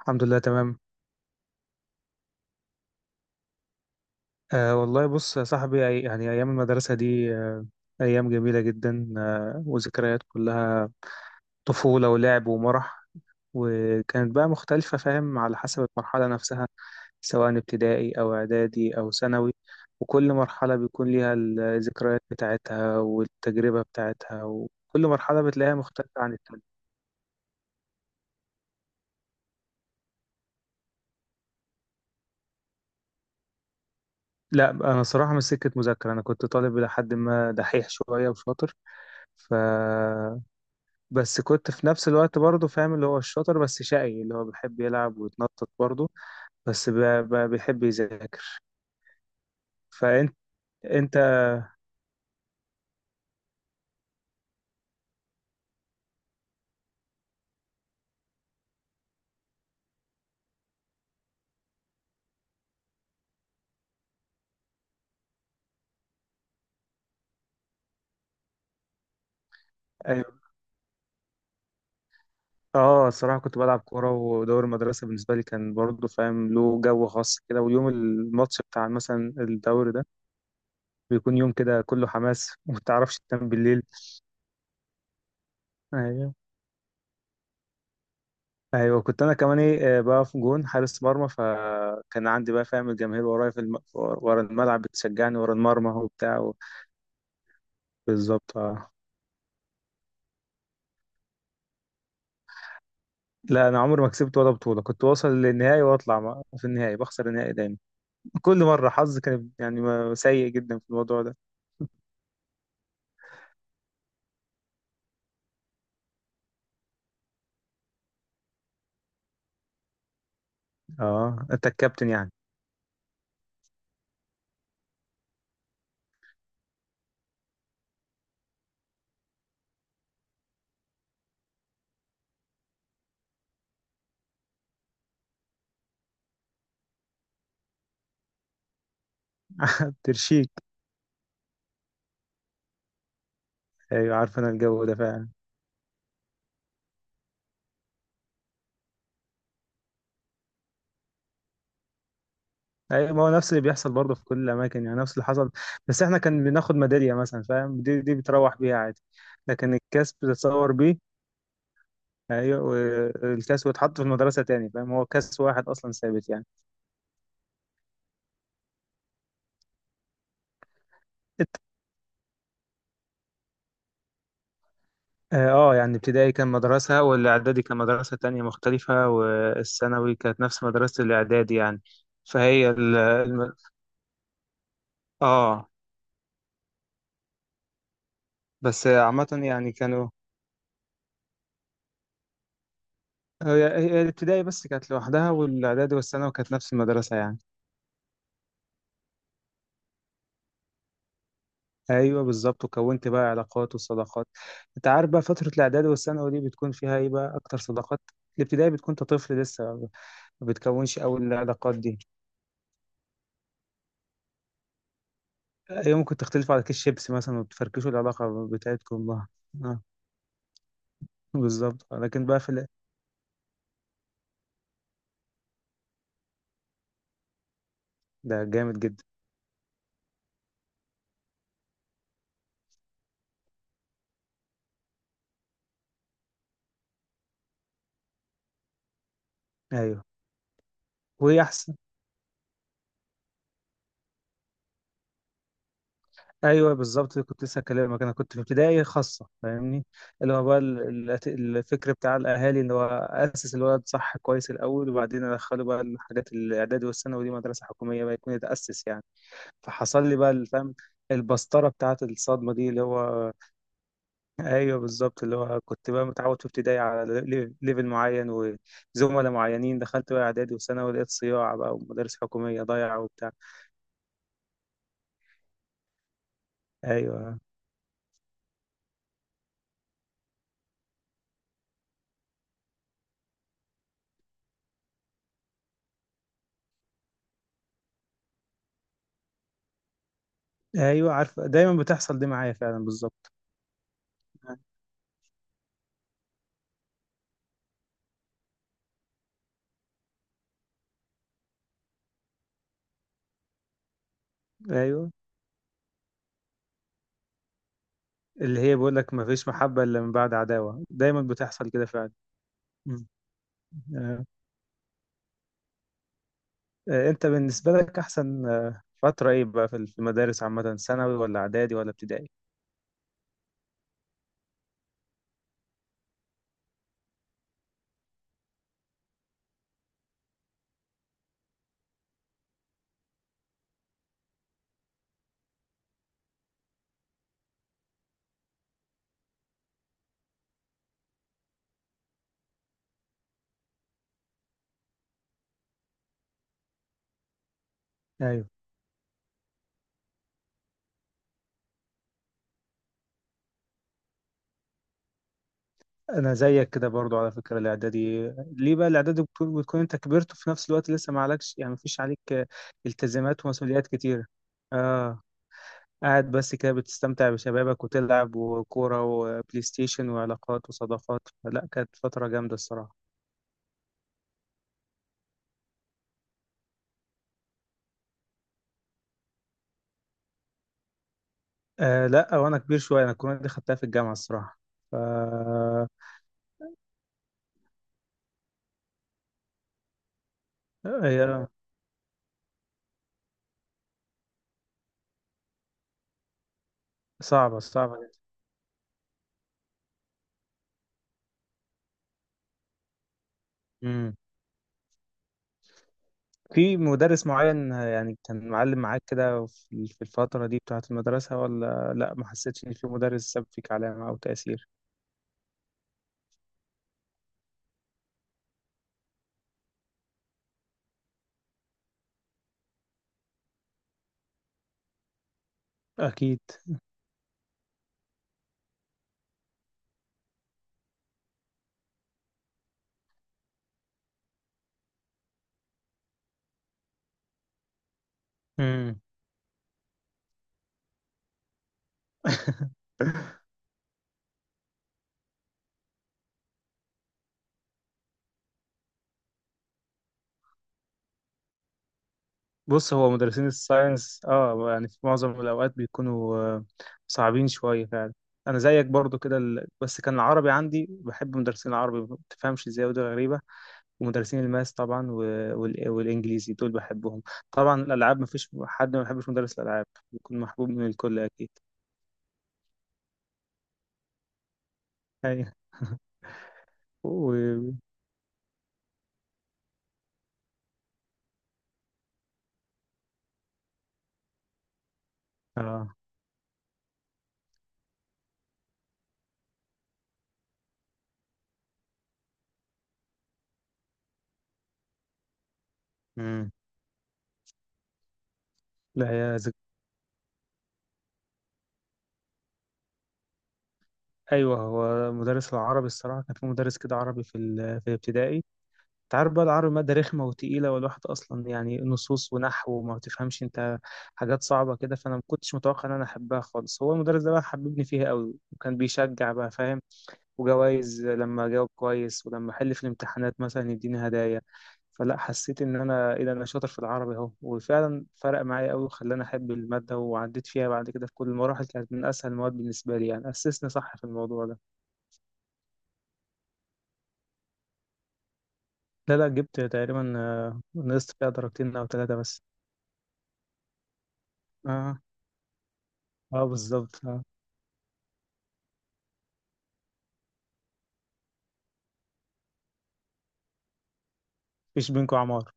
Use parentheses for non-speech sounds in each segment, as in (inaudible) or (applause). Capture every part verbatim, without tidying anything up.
الحمد لله تمام. آه والله، بص يا صاحبي، أي- يعني أيام المدرسة دي آه أيام جميلة جدا، آه وذكريات كلها طفولة ولعب ومرح. وكانت بقى مختلفة، فاهم، على حسب المرحلة نفسها، سواء ابتدائي أو إعدادي أو ثانوي. وكل مرحلة بيكون ليها الذكريات بتاعتها والتجربة بتاعتها، وكل مرحلة بتلاقيها مختلفة عن التانية. لا، أنا صراحة مش سكة مذاكرة، أنا كنت طالب لحد ما، دحيح شوية وشاطر. ف بس كنت في نفس الوقت برضه فاهم، اللي هو الشاطر بس شقي، اللي هو بيحب يلعب ويتنطط برضه، بس ب- ب- بيحب يذاكر. فانت انت. أيوة. اه، الصراحه كنت بلعب كوره، ودوري المدرسه بالنسبه لي كان برضه، فاهم، له جو خاص كده، ويوم الماتش بتاع مثلا الدوري ده بيكون يوم كده كله حماس، وما تعرفش تنام بالليل. ايوه، ايوه، كنت انا كمان ايه، آه، بقى في جون حارس مرمى، فكان عندي بقى، فاهم، الجماهير ورايا في الم... ورا الملعب بتشجعني ورا المرمى وبتاع. بالظبط اه. لا، انا عمري ما كسبت ولا بطوله، كنت واصل للنهائي واطلع ما- في النهائي بخسر النهائي دايما. كل مره حظي كان، يعني، ما- سيء جدا في الموضوع ده. اه، انت الكابتن يعني. ترشيك. ايوه، عارف انا الجو ده فعلا. ايوه، ما هو نفس اللي بيحصل برضه في كل الاماكن، يعني نفس اللي حصل. بس احنا كان بناخد ميداليه مثلا، فاهم، دي دي بتروح بيها عادي، لكن الكاس بتتصور بيه. ايوه، والكاس ويتحط في المدرسه تاني، فاهم، هو كاس واحد اصلا ثابت يعني. اه، آه، يعني ابتدائي كان مدرسة، والاعدادي كان مدرسة تانية مختلفة، والثانوي كانت نفس مدرسة الاعدادي يعني، فهي ال الم- اه، بس عامة يعني كانوا. آه، هي هي الابتدائي بس كانت لوحدها، والاعدادي والثانوي كانت نفس المدرسة يعني. ايوه بالظبط، وكونت بقى علاقات وصداقات. انت عارف بقى، فترة الاعدادي والثانوي دي بتكون فيها ايه بقى، اكتر صداقات. الابتدائي بتكون انت طفل لسه، ما بتكونش اول العلاقات دي. يمكن تختلفوا على كيس شيبسي مثلا وتفركشوا العلاقة بتاعتكم بقى. آه. بالظبط، لكن بقى في ال- ده جامد جدا. ايوه، وهي احسن. ايوه بالظبط، كنت لسه هكلمك، انا كنت في ابتدائي خاصه، فاهمني؟ اللي هو بقى ال- ال- الفكر بتاع الاهالي، اللي هو اسس الولد صح كويس الاول، وبعدين ادخله بقى الحاجات، الاعدادي والثانوي دي مدرسه حكوميه بقى، يكون يتاسس يعني. فحصل لي بقى الفهم، البسطره بتاعت الصدمه دي اللي هو. ايوه بالظبط، اللي هو كنت بقى متعود في ابتدائي على لي- ليفل معين، وزملاء معينين، دخلت بقى اعدادي وثانوي لقيت صياع بقى، ومدارس حكوميه ضايعه وبتاع. ايوه، ايوه، عارفه، دايما بتحصل دي معايا فعلا بالظبط. ايوه، اللي هي بيقول لك، ما فيش محبه الا من بعد عداوه، دايما بتحصل كده فعلا. مم. آه. آه. انت بالنسبه لك احسن آه، فتره ايه بقى في في المدارس عامه، ثانوي ولا اعدادي ولا ابتدائي؟ ايوه، انا زيك كده برضو، على فكره الاعدادي، ليه بقى؟ الاعدادي بتكون بتكون انت كبرت، وفي نفس الوقت لسه ما عليكش، يعني ما فيش عليك آه، التزامات ومسؤوليات كتيره. اه، قاعد بس كده بتستمتع بشبابك، وتلعب وكورة وبلاي ستيشن وعلاقات وصداقات، لا كانت فترة جامدة الصراحة. آه لا، وأنا كبير شوية، أنا الكورونا دي خدتها في الجامعة الصراحة. ف آه، هي صعبة صعبة جدا. مم. في مدرس معين، يعني كان معلم معاك كده في في الفترة دي بتاعة المدرسة، ولا لا، ما حسيتش إن في مدرس ساب فيك علامة أو تأثير؟ أكيد. مم. (laughs) بص، هو مدرسين الساينس اه يعني في معظم الأوقات بيكونوا آه، صعبين شوية فعلا. أنا زيك برضو كده ال... بس كان العربي عندي، بحب مدرسين العربي، ما بتفهمش ازاي، ودي غريبة. ومدرسين الماس طبعا و... وال... والإنجليزي دول بحبهم. طبعا الألعاب مفيش حد ما بيحبش مدرس الألعاب، بيكون محبوب من الكل أكيد. أيوة و... آه. مم. لا يا زك... أيوة، هو مدرس العربي الصراحة كان، في مدرس كده عربي في ال... في الابتدائي. انت عارف بقى، العربي مادة رخمة وتقيلة، والواحد أصلا يعني نصوص ونحو، وما تفهمش أنت، حاجات صعبة كده، فأنا ما كنتش متوقع إن أنا أحبها خالص. هو المدرس ده بقى حببني فيها قوي، وكان بيشجع بقى فاهم، وجوائز لما أجاوب كويس، ولما أحل في الامتحانات مثلا يديني هدايا. فلا، حسيت إن أنا، إيه ده، أنا شاطر في العربي أهو، وفعلا فرق معايا قوي، وخلاني أحب المادة، وعديت فيها بعد كده. في كل المراحل كانت من أسهل المواد بالنسبة لي، يعني أسسني صح في الموضوع ده. لا لا، جبت تقريبا، آه، نقصت فيها درجتين أو ثلاثة بس. آه. اه بالظبط اه. مفيش بينكم عمار.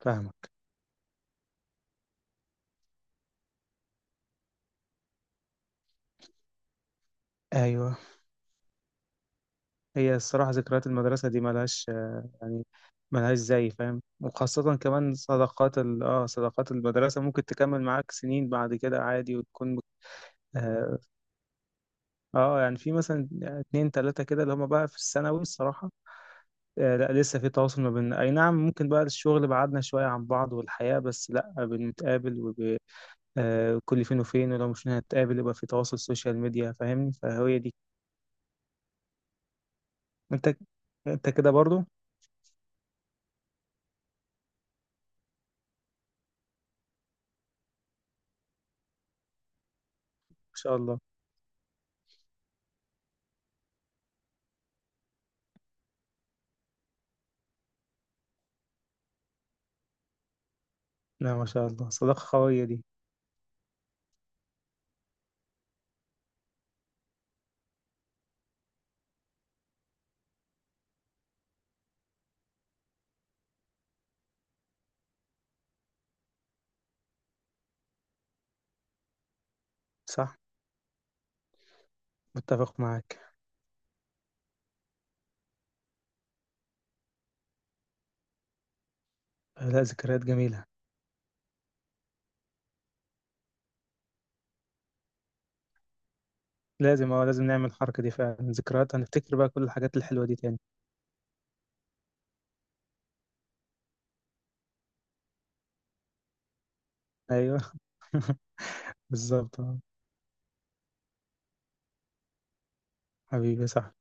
فاهمك. ايوه، هي الصراحه ذكريات المدرسه دي ملهاش آه، يعني ملهاش زي، فاهم، وخاصه كمان صداقات ال... اه صداقات المدرسه، ممكن تكمل معاك سنين بعد كده عادي، وتكون. اه، آه، يعني في مثلا آه، اتنين تلاته كده اللي هم بقى في الثانوي الصراحه. آه لا، لسه في تواصل ما بيننا، اي نعم، ممكن بقى الشغل بعدنا شويه عن بعض، والحياه، بس لا بنتقابل وب... آه، كل فين وفين، ولو مش هنتقابل يبقى في تواصل سوشيال ميديا، فاهمني؟ فهي دي. انت انت كده برضو، ما شاء الله. لا، ما شاء الله، صداقة قوية دي. صح، متفق معاك. لا، ذكريات جميلة. لازم اه لازم نعمل الحركة دي فعلا، ذكريات هنفتكر بقى كل الحاجات الحلوة دي تاني. ايوه (laughs) بالظبط اه. حبيبي صح.